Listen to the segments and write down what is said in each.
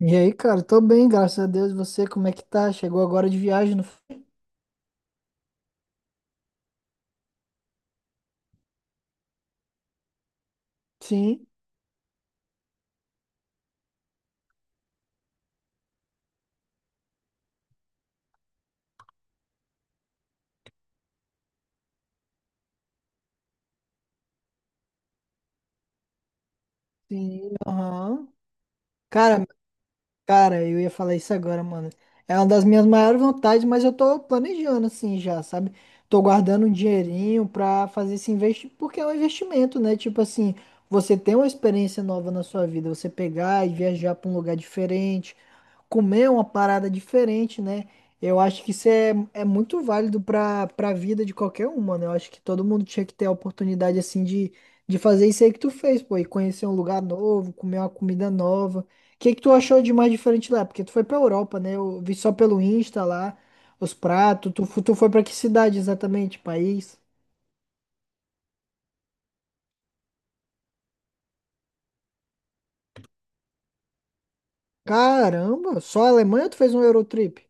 E aí, cara, tô bem, graças a Deus. E você, como é que tá? Chegou agora de viagem, não foi? Sim, sim, aham. Cara, cara, eu ia falar isso agora, mano. É uma das minhas maiores vontades, mas eu tô planejando assim já, sabe? Tô guardando um dinheirinho pra fazer esse investimento, porque é um investimento, né? Tipo assim, você tem uma experiência nova na sua vida, você pegar e viajar pra um lugar diferente, comer uma parada diferente, né? Eu acho que isso é muito válido para a vida de qualquer um, mano. Eu acho que todo mundo tinha que ter a oportunidade, assim, de, fazer isso aí que tu fez, pô, e conhecer um lugar novo, comer uma comida nova. O que que tu achou de mais diferente lá? Porque tu foi pra Europa, né? Eu vi só pelo Insta lá, os pratos. Tu, tu foi pra que cidade exatamente? País? Caramba, só a Alemanha ou tu fez um Eurotrip?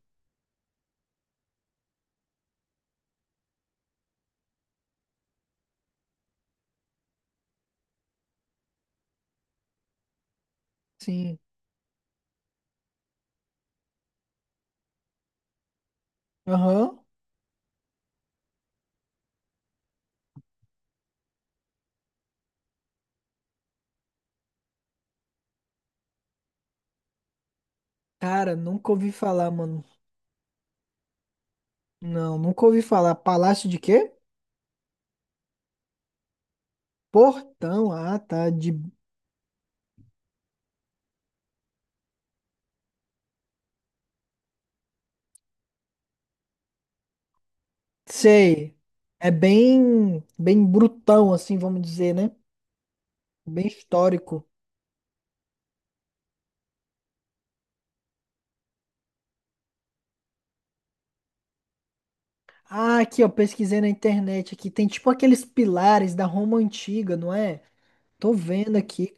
Sim. Aham. Cara, nunca ouvi falar, mano. Não, nunca ouvi falar. Palácio de quê? Portão, ah, tá, de, sei, é bem, bem brutão, assim, vamos dizer, né? Bem histórico. Ah, aqui, ó, pesquisei na internet aqui, tem tipo aqueles pilares da Roma Antiga, não é? Tô vendo aqui.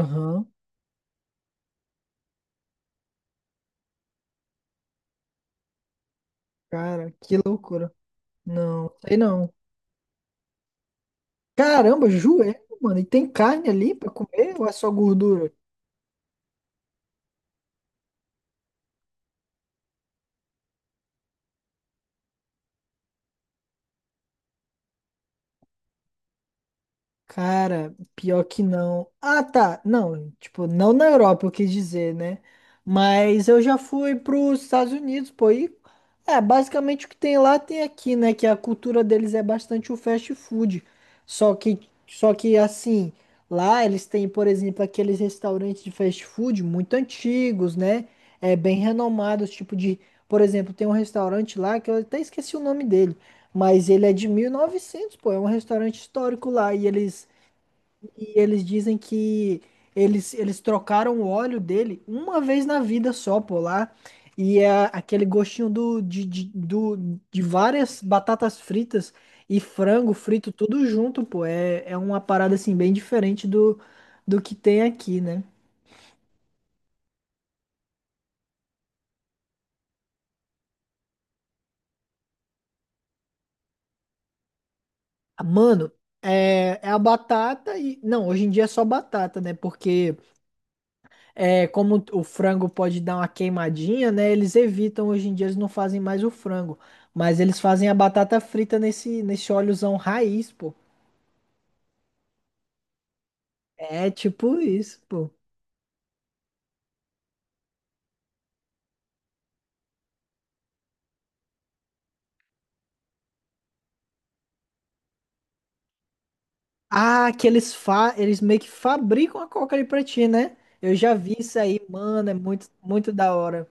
Aham, cara, que loucura. Não, sei não. Caramba, joelho, mano, e tem carne ali pra comer ou é só gordura? Cara, pior que não. Ah, tá. Não, tipo, não na Europa, eu quis dizer, né? Mas eu já fui pros Estados Unidos, pô. E é basicamente o que tem lá tem aqui, né? Que a cultura deles é bastante o fast food. Só que, só que assim, lá eles têm, por exemplo, aqueles restaurantes de fast food muito antigos, né? É, bem renomados, tipo de. Por exemplo, tem um restaurante lá que eu até esqueci o nome dele, mas ele é de 1900, pô. É um restaurante histórico lá e eles dizem que eles trocaram o óleo dele uma vez na vida só, pô, lá. E é aquele gostinho do, de, do, de várias batatas fritas e frango frito, tudo junto, pô. É uma parada, assim, bem diferente do que tem aqui, né? Mano, é a batata e... Não, hoje em dia é só batata, né? Porque... é, como o frango pode dar uma queimadinha, né? Eles evitam, hoje em dia eles não fazem mais o frango, mas eles fazem a batata frita nesse óleozão raiz, pô. É tipo isso, pô. Ah, que eles fa eles meio que fabricam a coca ali pra ti, né? Eu já vi isso aí, mano, é muito, muito da hora.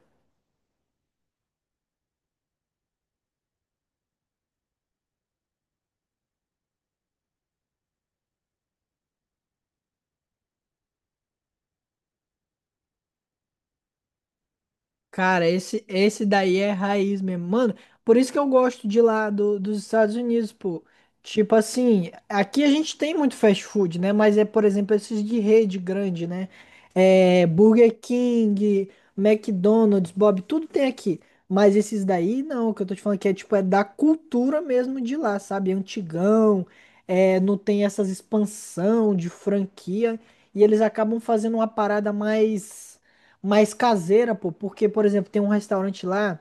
Cara, esse daí é raiz mesmo. Mano, por isso que eu gosto de lá do- dos Estados Unidos, pô. Tipo assim, aqui a gente tem muito fast food, né? Mas é, por exemplo, esses de rede grande, né? É, Burger King, McDonald's, Bob, tudo tem aqui. Mas esses daí, não, o que eu tô te falando que é tipo, é da cultura mesmo de lá, sabe? É antigão, é, não tem essas expansão de franquia. E eles acabam fazendo uma parada mais caseira, pô, porque, por exemplo, tem um restaurante lá,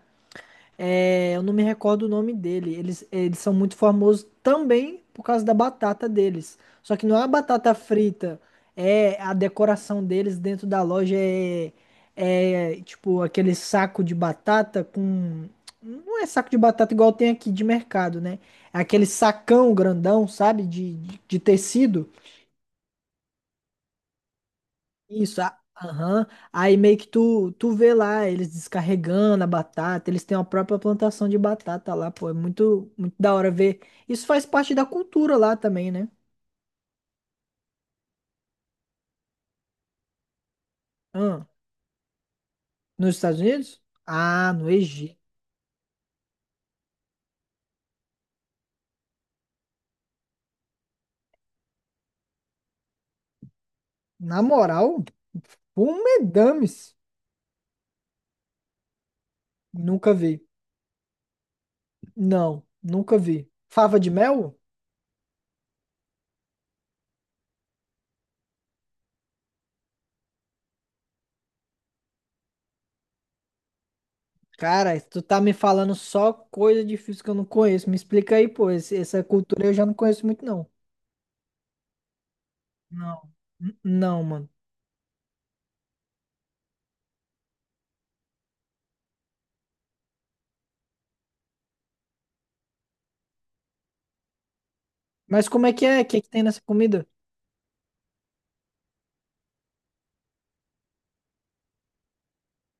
é, eu não me recordo o nome dele. Eles são muito famosos também por causa da batata deles. Só que não é a batata frita, é a decoração deles dentro da loja é, é tipo aquele saco de batata com. Não é saco de batata igual tem aqui de mercado, né? É aquele sacão grandão, sabe? De tecido. Isso, a- aham. Aí meio que tu vê lá eles descarregando a batata, eles têm a própria plantação de batata lá, pô. É muito, muito da hora ver. Isso faz parte da cultura lá também, né? Ah, nos Estados Unidos? Ah, no Egito. Na moral, pumedames. Nunca vi. Não, nunca vi. Fava de mel? Cara, tu tá me falando só coisa difícil que eu não conheço. Me explica aí, pô. Esse- Essa cultura eu já não conheço muito, não. Não, não, mano. Mas como é que é? O que que tem nessa comida?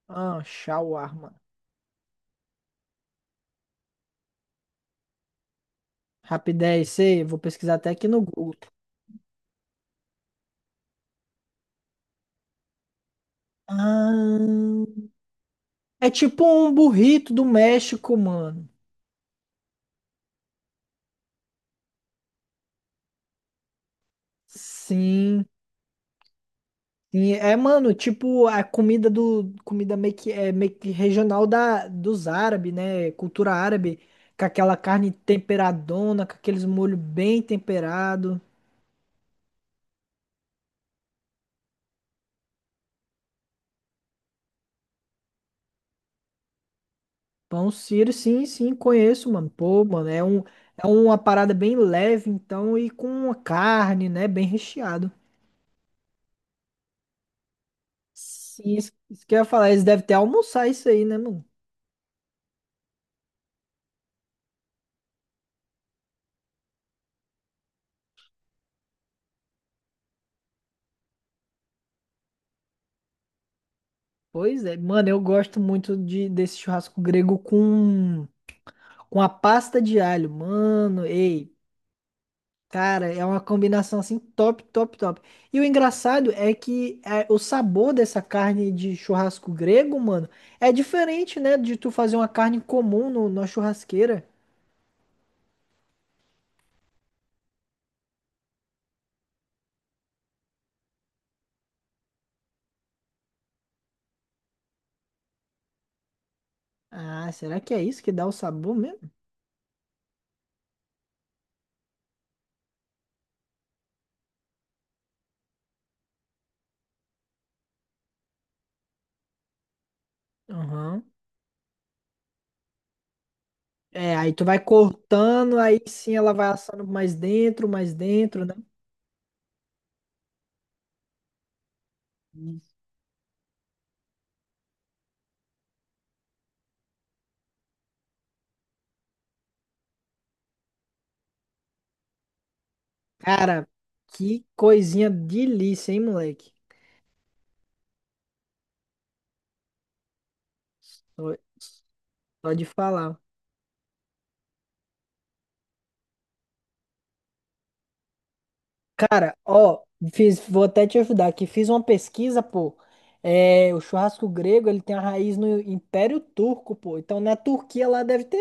Ah, shawarma. Rapidez, sei. Vou pesquisar até aqui no Google. Ah, é tipo um burrito do México, mano. Sim. Sim. É, mano, tipo a comida do comida meio que é meio que regional da dos árabes, né? Cultura árabe, com aquela carne temperadona, com aqueles molho bem temperado. Pão Sírio, sim, sim, conheço, mano. Pô, mano, é um, é uma parada bem leve, então, e com uma carne, né, bem recheado. Sim, isso que eu ia falar, eles devem ter almoçar isso aí, né, mano? Pois é, mano, eu gosto muito desse churrasco grego com, a pasta de alho, mano, ei, cara, é uma combinação, assim, top, top, top. E o engraçado é que é, o sabor dessa carne de churrasco grego, mano, é diferente, né, de tu fazer uma carne comum no, na churrasqueira. Ah, será que é isso que dá o sabor mesmo? Aham. É, aí tu vai cortando, aí sim ela vai assando mais dentro, né? Cara, que coisinha delícia, hein, moleque? Só só de falar. Cara, ó, fiz, vou até te ajudar aqui. Fiz uma pesquisa, pô. É, o churrasco grego, ele tem a raiz no Império Turco, pô. Então na Turquia lá deve ter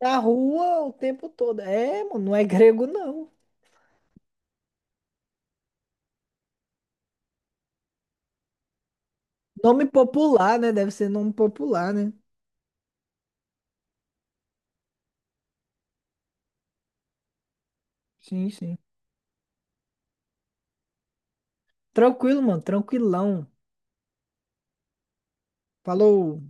na rua o tempo todo. É, mano, não é grego, não. Nome popular, né? Deve ser nome popular, né? Sim, sim. Tranquilo, mano. Tranquilão. Falou.